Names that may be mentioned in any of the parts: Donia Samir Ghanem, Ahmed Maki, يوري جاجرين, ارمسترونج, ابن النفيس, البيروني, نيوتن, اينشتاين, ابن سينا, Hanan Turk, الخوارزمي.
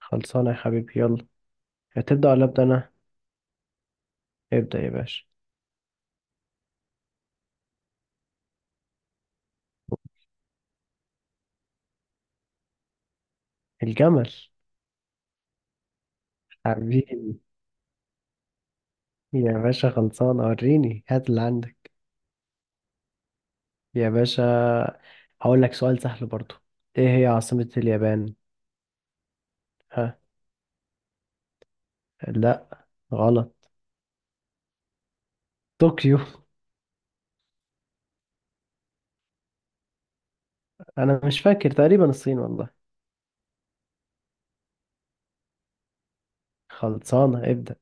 خلصانة يا حبيبي، يلا. هتبدأ ولا أبدأ أنا؟ ابدأ يا باشا. الجمل. حبيبي. يا باشا خلصانة، وريني هات اللي عندك. يا باشا هقول لك سؤال سهل برضو. إيه هي عاصمة اليابان؟ ها؟ لا، غلط. طوكيو. أنا مش فاكر، تقريبا الصين والله. خلصانة، ابدأ.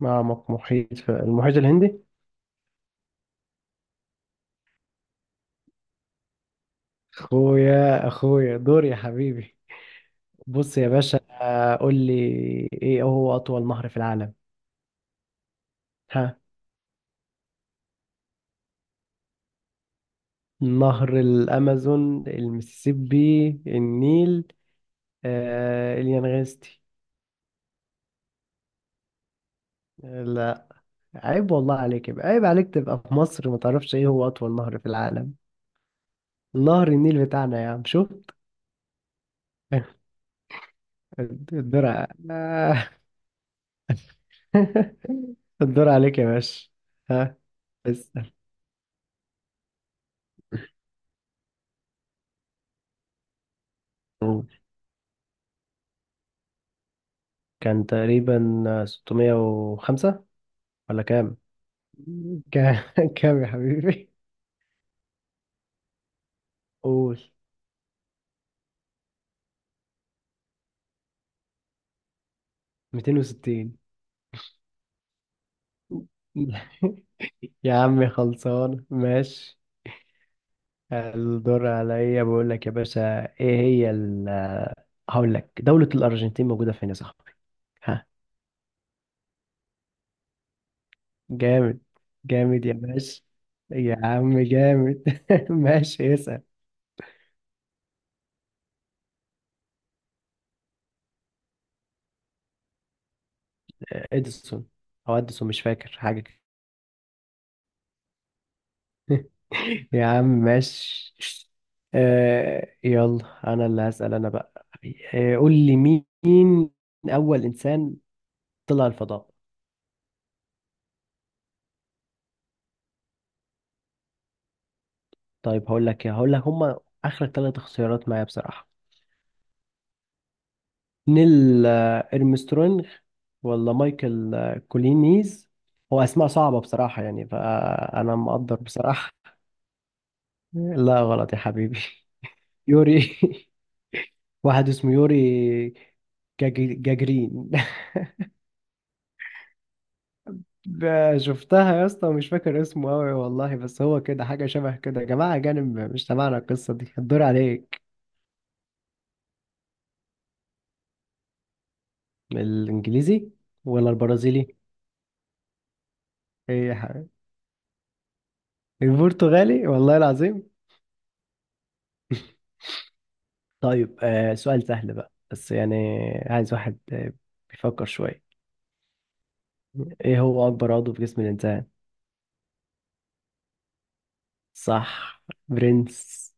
معمق محيط في المحيط الهندي. أخويا أخويا دور يا حبيبي. بص يا باشا، قول لي. إيه هو أطول نهر في العالم؟ ها؟ نهر الأمازون، المسيسيبي، النيل، اليانغستي. لا. عيب والله عليك، يبقى عيب عليك تبقى في مصر ما تعرفش ايه هو أطول نهر في العالم. نهر النيل بتاعنا يا عم، شفت. الدور. الدور عليك يا باشا. ها. اسأل. كان تقريبا 605، ولا كام؟ كام كام يا حبيبي؟ قول. 260. يا عم خلصان، ماشي. الدور عليا، بقول لك يا باشا، ايه هي ال آه، هقول لك دولة الأرجنتين موجودة فين يا صاحبي. ها. جامد. جامد يا باشا. يا عم جامد. ماشي، اسأل. اديسون. او اديسون، مش فاكر حاجة كده. يا عم ماشي. يلا انا اللي هسأل انا بقى. قول لي. مين اول انسان طلع الفضاء؟ طيب هقول لك ايه، هقول لك، هما اخر ثلاث اختيارات معايا بصراحه. نيل ارمسترونج، ولا مايكل كولينيز. هو اسماء صعبه بصراحه يعني، فانا مقدر بصراحه. لا، غلط يا حبيبي. يوري. واحد اسمه يوري جاجرين. شفتها يا اسطى، ومش فاكر اسمه قوي والله، بس هو كده حاجه شبه كده، يا جماعه اجانب مش تبعنا، القصه دي الدور عليك. الانجليزي ولا البرازيلي. ايه يا حبيبي. البرتغالي والله العظيم. طيب سؤال سهل بقى، بس يعني عايز واحد بيفكر شوية. ايه هو اكبر عضو في جسم الانسان؟ صح. برنس.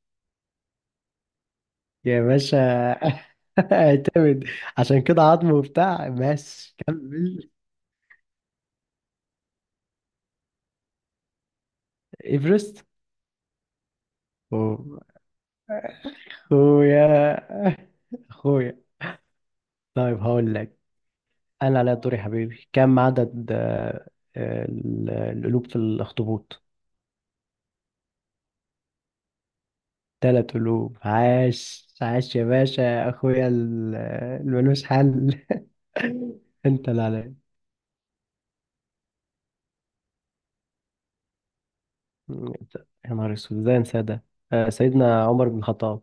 يا باشا. اعتمد. عشان كده، عظمه وبتاع، ماشي كمل. ايفرست. أوه. اخويا. اخويا. طيب هقول لك، انا على دوري يا حبيبي، كم عدد القلوب في الاخطبوط؟ تلات قلوب، عاش عاش يا باشا. اخويا الملوش حل. انت اللي عليك. يا نهار اسود، ازاي انسى ده. سيدنا عمر بن الخطاب.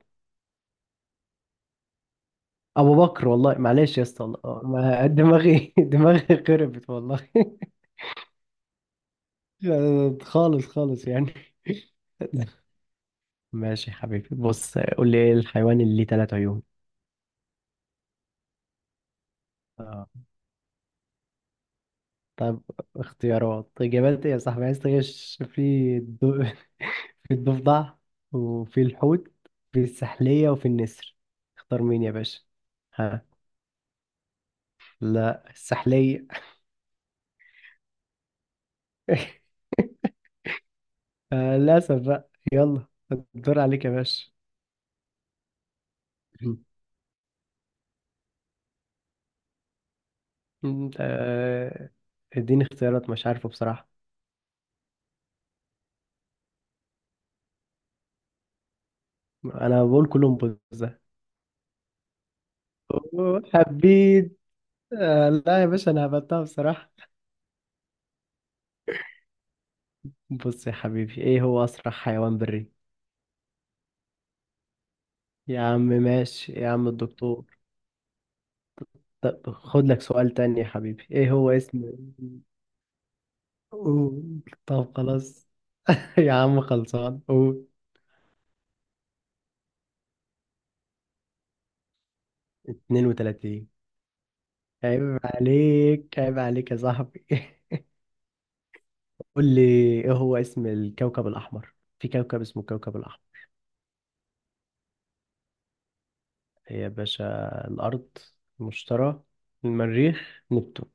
ابو بكر والله، معلش يا اسطى والله. دماغي دماغي خربت والله. خالص خالص يعني. ماشي يا حبيبي، بص قول لي، ايه الحيوان اللي ليه تلات عيون؟ آه، طب اختيارات، إجابات إيه يا صاحبي، عايز تغش؟ في الض... في الضفدع، وفي الحوت، في السحلية، وفي النسر. اختار مين يا باشا. ها. لا، السحلية. للأسف بقى، يلا. الدور عليك يا باشا. انت اديني اختيارات، مش عارفه بصراحة. انا بقول كولومبوس ده. أوه، حبيت. لا يا باشا، انا هبتها بصراحة. بص يا حبيبي، ايه هو اسرع حيوان بري؟ يا عم ماشي يا عم الدكتور. طب خد لك سؤال تاني يا حبيبي، ايه هو اسم؟ قول. طب خلاص. يا عم خلصان، قول. 32. عيب عليك، عيب عليك يا صاحبي. قول لي. ايه هو اسم الكوكب الأحمر؟ في كوكب اسمه الكوكب الأحمر. إيه يا باشا. الأرض، المشتري، المريخ، نبتون.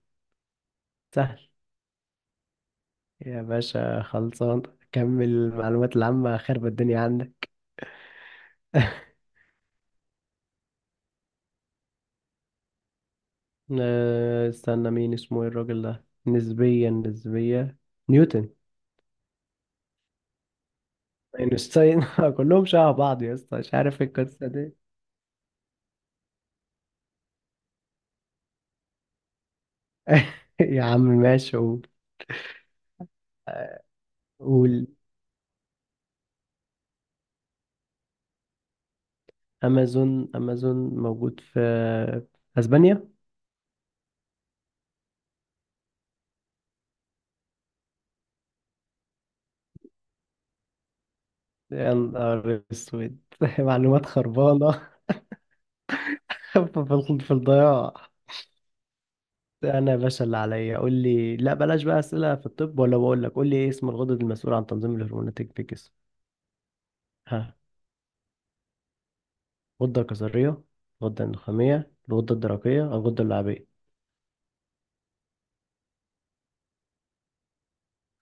سهل. يا باشا خلصان. كمل، المعلومات العامة خرب الدنيا عندك. استنى، مين اسمه ايه الراجل ده، نسبيا نسبية. نيوتن. اينشتاين. كلهم شبه بعض يا اسطى، مش عارف ايه القصة دي. يا عم ماشي، قول. قول. امازون امازون موجود في اسبانيا. يا نهار اسود. معلومات خربانة. في في الضياع. انا يا باشا اللي عليا، قول لي، لا بلاش بقى اسئلة في الطب، ولا بقول لك، قول لي ايه اسم الغدد المسؤول عن تنظيم الهرمونات في الجسم. ها. غدة كظرية، غدة اندوخامية، الغدة الدرقية، أو الغدة اللعابية.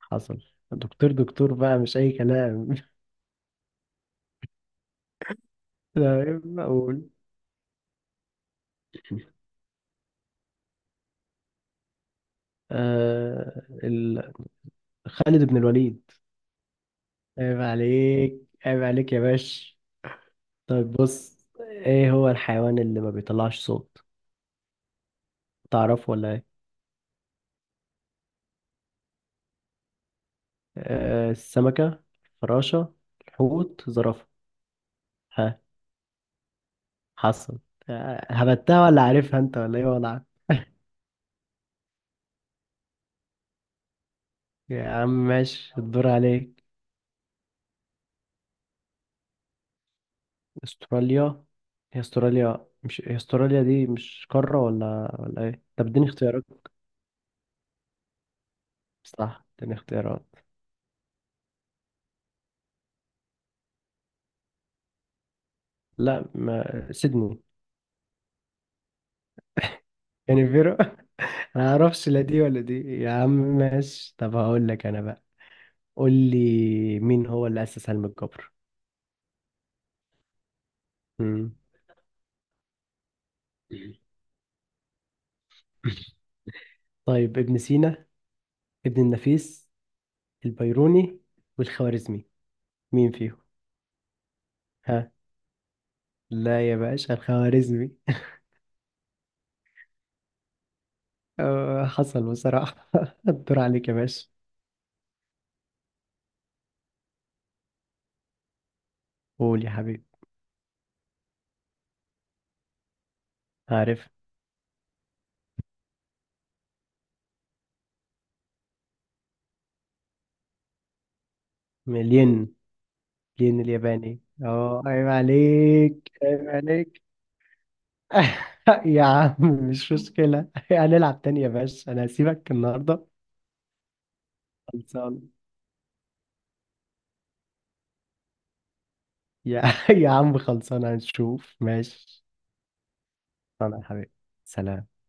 حصل. دكتور دكتور بقى، مش أي كلام. تمام، أقول. آه ال... خالد بن الوليد. عيب عليك، عيب عليك يا باش. طيب بص، إيه هو الحيوان اللي ما بيطلعش صوت؟ تعرفه ولا إيه؟ السمكة، الفراشة، الحوت، زرافة. ها. حصل. هبتها ولا عارفها أنت، ولا إيه وضعك. يا عم ماشي، الدور عليك. استراليا. هي استراليا، مش هي، استراليا دي مش قارة، ولا ايه، طب اديني اختيارات. صح، اديني اختيارات. لا، ما سيدني. كانبيرا. ما اعرفش لا دي ولا دي، يا عم ماشي، طب هقول لك انا بقى. قول لي، مين هو اللي اسس علم الجبر. مم. طيب، ابن سينا، ابن النفيس، البيروني، والخوارزمي، مين فيهم؟ ها. لا يا باشا، الخوارزمي. حصل بصراحة. الدور عليك يا باشا. قول يا حبيبي. عارف. مليون. مليون الياباني. اه عيب عليك، عيب عليك. يا عم، مش مشكلة. هنلعب تاني يا باشا، أنا هسيبك النهاردة. خلصان. يا يا عم خلصان، هنشوف ماشي. أنا حبيبي. سلام.